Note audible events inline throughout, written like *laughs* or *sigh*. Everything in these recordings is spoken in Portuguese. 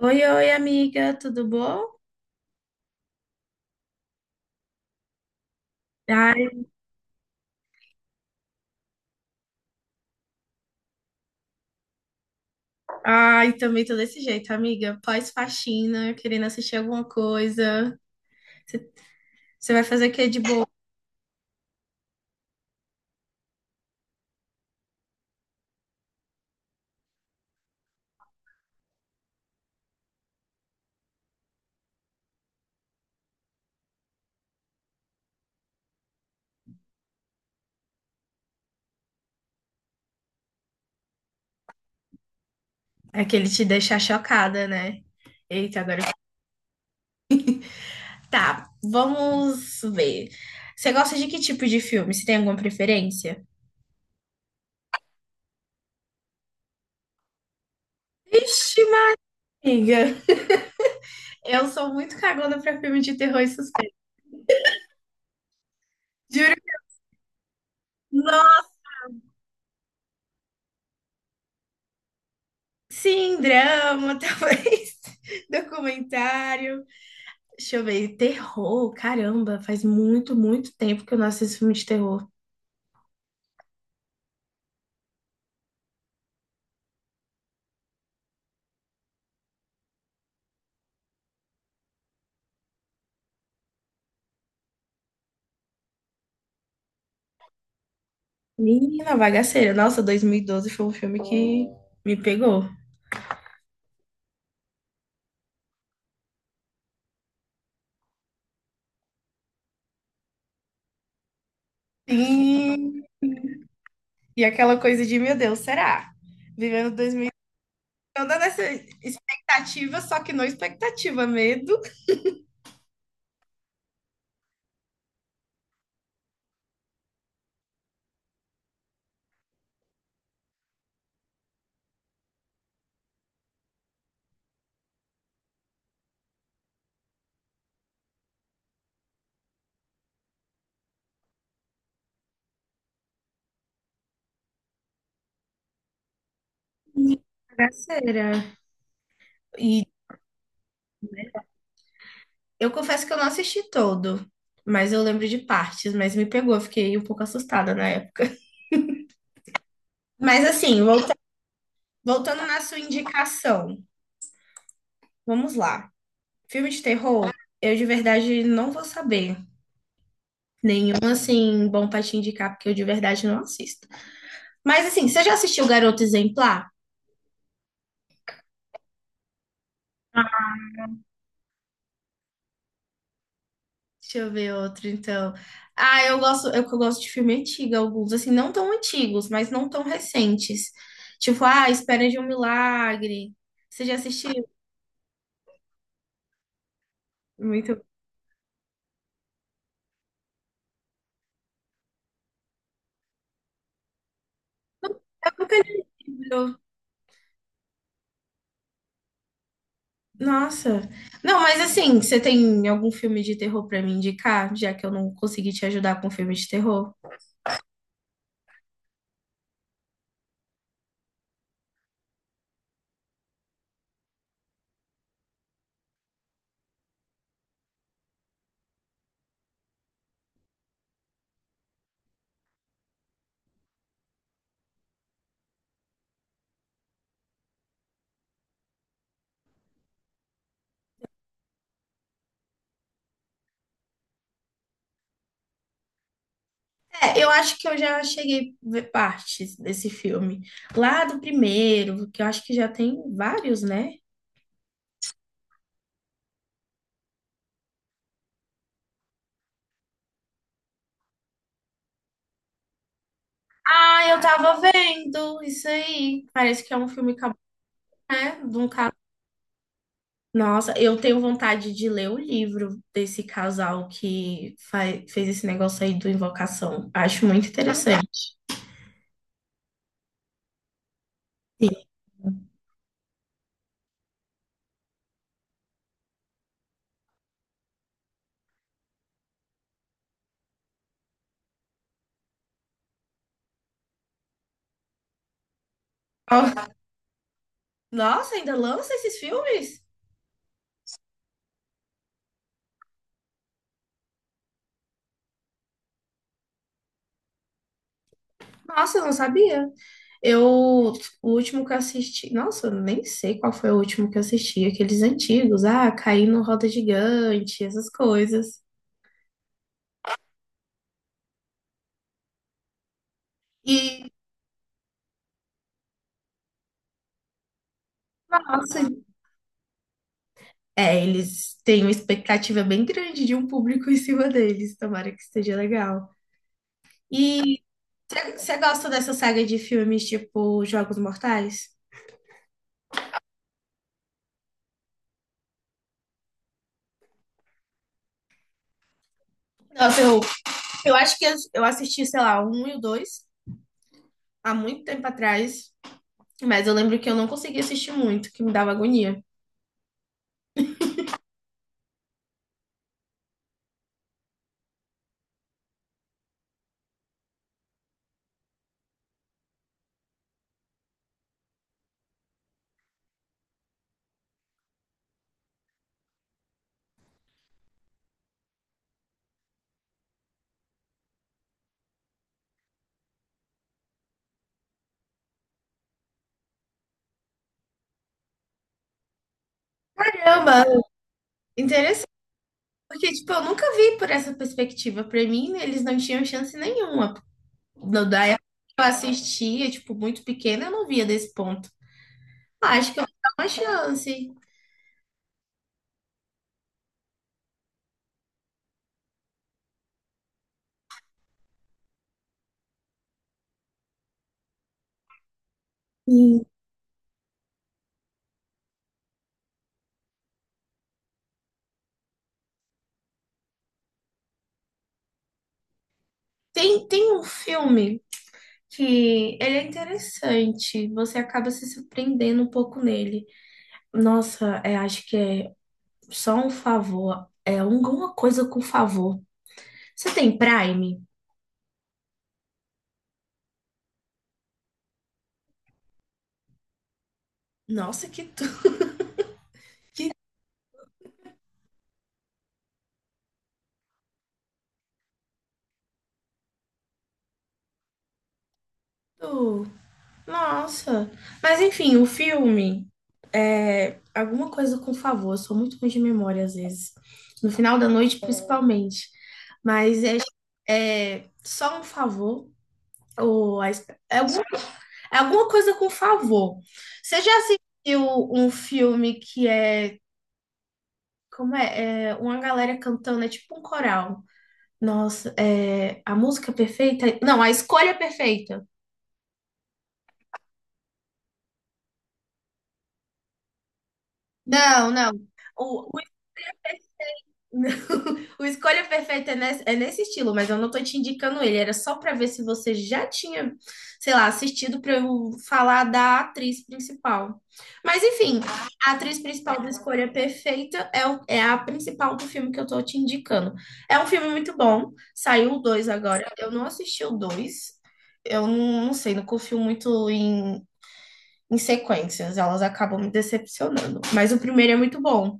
Oi, oi, amiga, tudo bom? Ai, ai, também tô desse jeito, amiga. Pós-faxina, querendo assistir alguma coisa. Você vai fazer o que de boa? É que ele te deixar chocada, né? Eita, agora. Tá, vamos ver. Você gosta de que tipo de filme? Você tem alguma preferência? Ixi, amiga, eu sou muito cagona pra filme de terror e suspense. Juro. Nossa, sim, drama, *laughs* talvez. Documentário. Deixa eu ver, terror, caramba, faz muito tempo que eu não assisto filme de terror. Menina, Bagaceira, nossa, 2012 foi um filme que me pegou. Sim, e aquela coisa de, meu Deus, será? Vivendo 2012, toda nessa expectativa, só que não expectativa, medo. Bagaceira. E eu confesso que eu não assisti todo, mas eu lembro de partes, mas me pegou, eu fiquei um pouco assustada na época. Mas assim, voltando na sua indicação, vamos lá. Filme de terror, eu de verdade não vou saber. Nenhum, assim, bom pra te indicar, porque eu de verdade não assisto. Mas, assim, você já assistiu Garoto Exemplar? Deixa eu ver outro, então. Ah, eu gosto, eu gosto de filme antigo, alguns, assim, não tão antigos, mas não tão recentes. Tipo, ah, Espera de um Milagre. Você já assistiu? Muito. Eu nunca li. Nossa. Não, mas assim, você tem algum filme de terror pra me indicar, já que eu não consegui te ajudar com filme de terror? É, eu acho que eu já cheguei a ver partes desse filme. Lá do primeiro, que eu acho que já tem vários, né? Ah, eu tava vendo isso aí. Parece que é um filme, né? De um cara. Nossa, eu tenho vontade de ler o livro desse casal que fez esse negócio aí do Invocação. Acho muito interessante. Sim. Ó, nossa, ainda lança esses filmes? Nossa, eu não sabia. Eu, o último que eu assisti, nossa, eu nem sei qual foi o último que eu assisti, aqueles antigos, ah, caí no Roda Gigante, essas coisas. E, nossa, é, eles têm uma expectativa bem grande de um público em cima deles, tomara que esteja legal. E você gosta dessa saga de filmes tipo Jogos Mortais? Nossa, eu acho que eu assisti, sei lá, o um e o dois há muito tempo atrás, mas eu lembro que eu não conseguia assistir muito, que me dava agonia. Caramba. Porque, tipo, eu nunca vi por essa perspectiva. Pra mim, eles não tinham chance nenhuma. Da época que eu assistia, tipo, muito pequena, eu não via desse ponto. Acho que eu vou dar uma chance. Sim. Tem um filme que ele é interessante, você acaba se surpreendendo um pouco nele. Nossa, é, acho que é só um favor, é alguma coisa com favor. Você tem Prime? Nossa, que tudo! Que nossa. Mas enfim, o filme é alguma coisa com favor. Eu sou muito ruim de memória às vezes. No final da noite, principalmente. Mas é, é só um favor. Ou a é, é alguma coisa com favor. Você já assistiu um filme que é. Como é? É uma galera cantando, é tipo um coral. Nossa, é a música perfeita? Não, a escolha perfeita. Não, não. O, não, *laughs* o Escolha Perfeita é nesse estilo, mas eu não tô te indicando ele. Era só pra ver se você já tinha, sei lá, assistido pra eu falar da atriz principal. Mas enfim, a atriz principal do Escolha Perfeita é, é a principal do filme que eu tô te indicando. É um filme muito bom. Saiu o 2 agora. Eu não assisti o 2. Eu não, não sei, não confio muito em, em sequências. Elas acabam me decepcionando. Mas o primeiro é muito bom.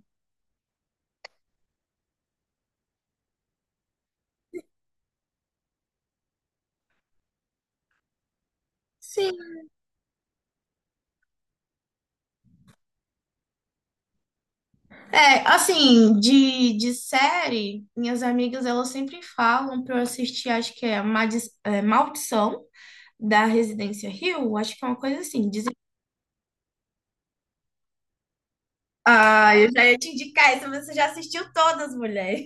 Sim. É, assim, de série, minhas amigas elas sempre falam pra eu assistir, acho que é, é, Maldição da Residência Hill, acho que é uma coisa assim. Dizem... Ah, eu já ia te indicar isso, mas você já assistiu todas, mulher.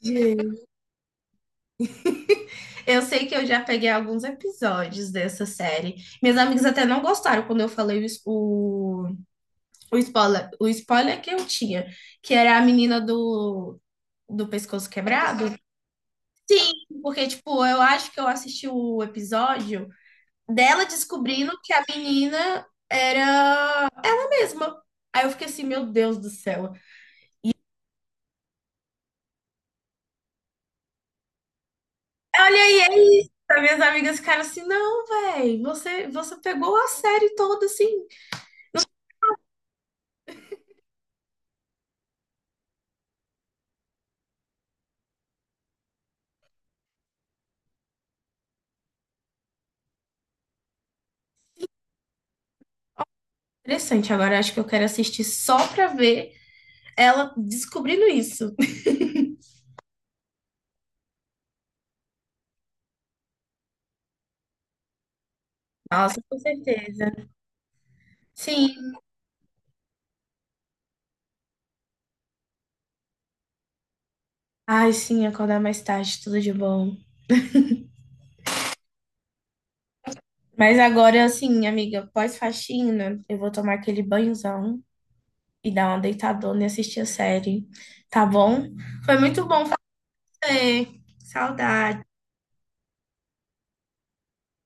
Gente. Eu sei que eu já peguei alguns episódios dessa série. Minhas amigas até não gostaram quando eu falei o, o spoiler que eu tinha, que era a menina do, do pescoço quebrado. Sim, porque, tipo, eu acho que eu assisti o episódio dela descobrindo que a menina era a mesma. Aí eu fiquei assim, meu Deus do céu. Olha aí, é isso. As minhas amigas ficaram assim, não, velho, você pegou a série toda, assim. Interessante, agora acho que eu quero assistir só pra ver ela descobrindo isso. Nossa, com certeza. Sim. Ai, sim, acordar mais tarde, tudo de bom. Mas agora, assim, amiga, pós-faxina, eu vou tomar aquele banhozão e dar uma deitadona e assistir a série, tá bom? Foi muito bom fazer. Saudade.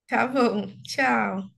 Tá bom. Tchau.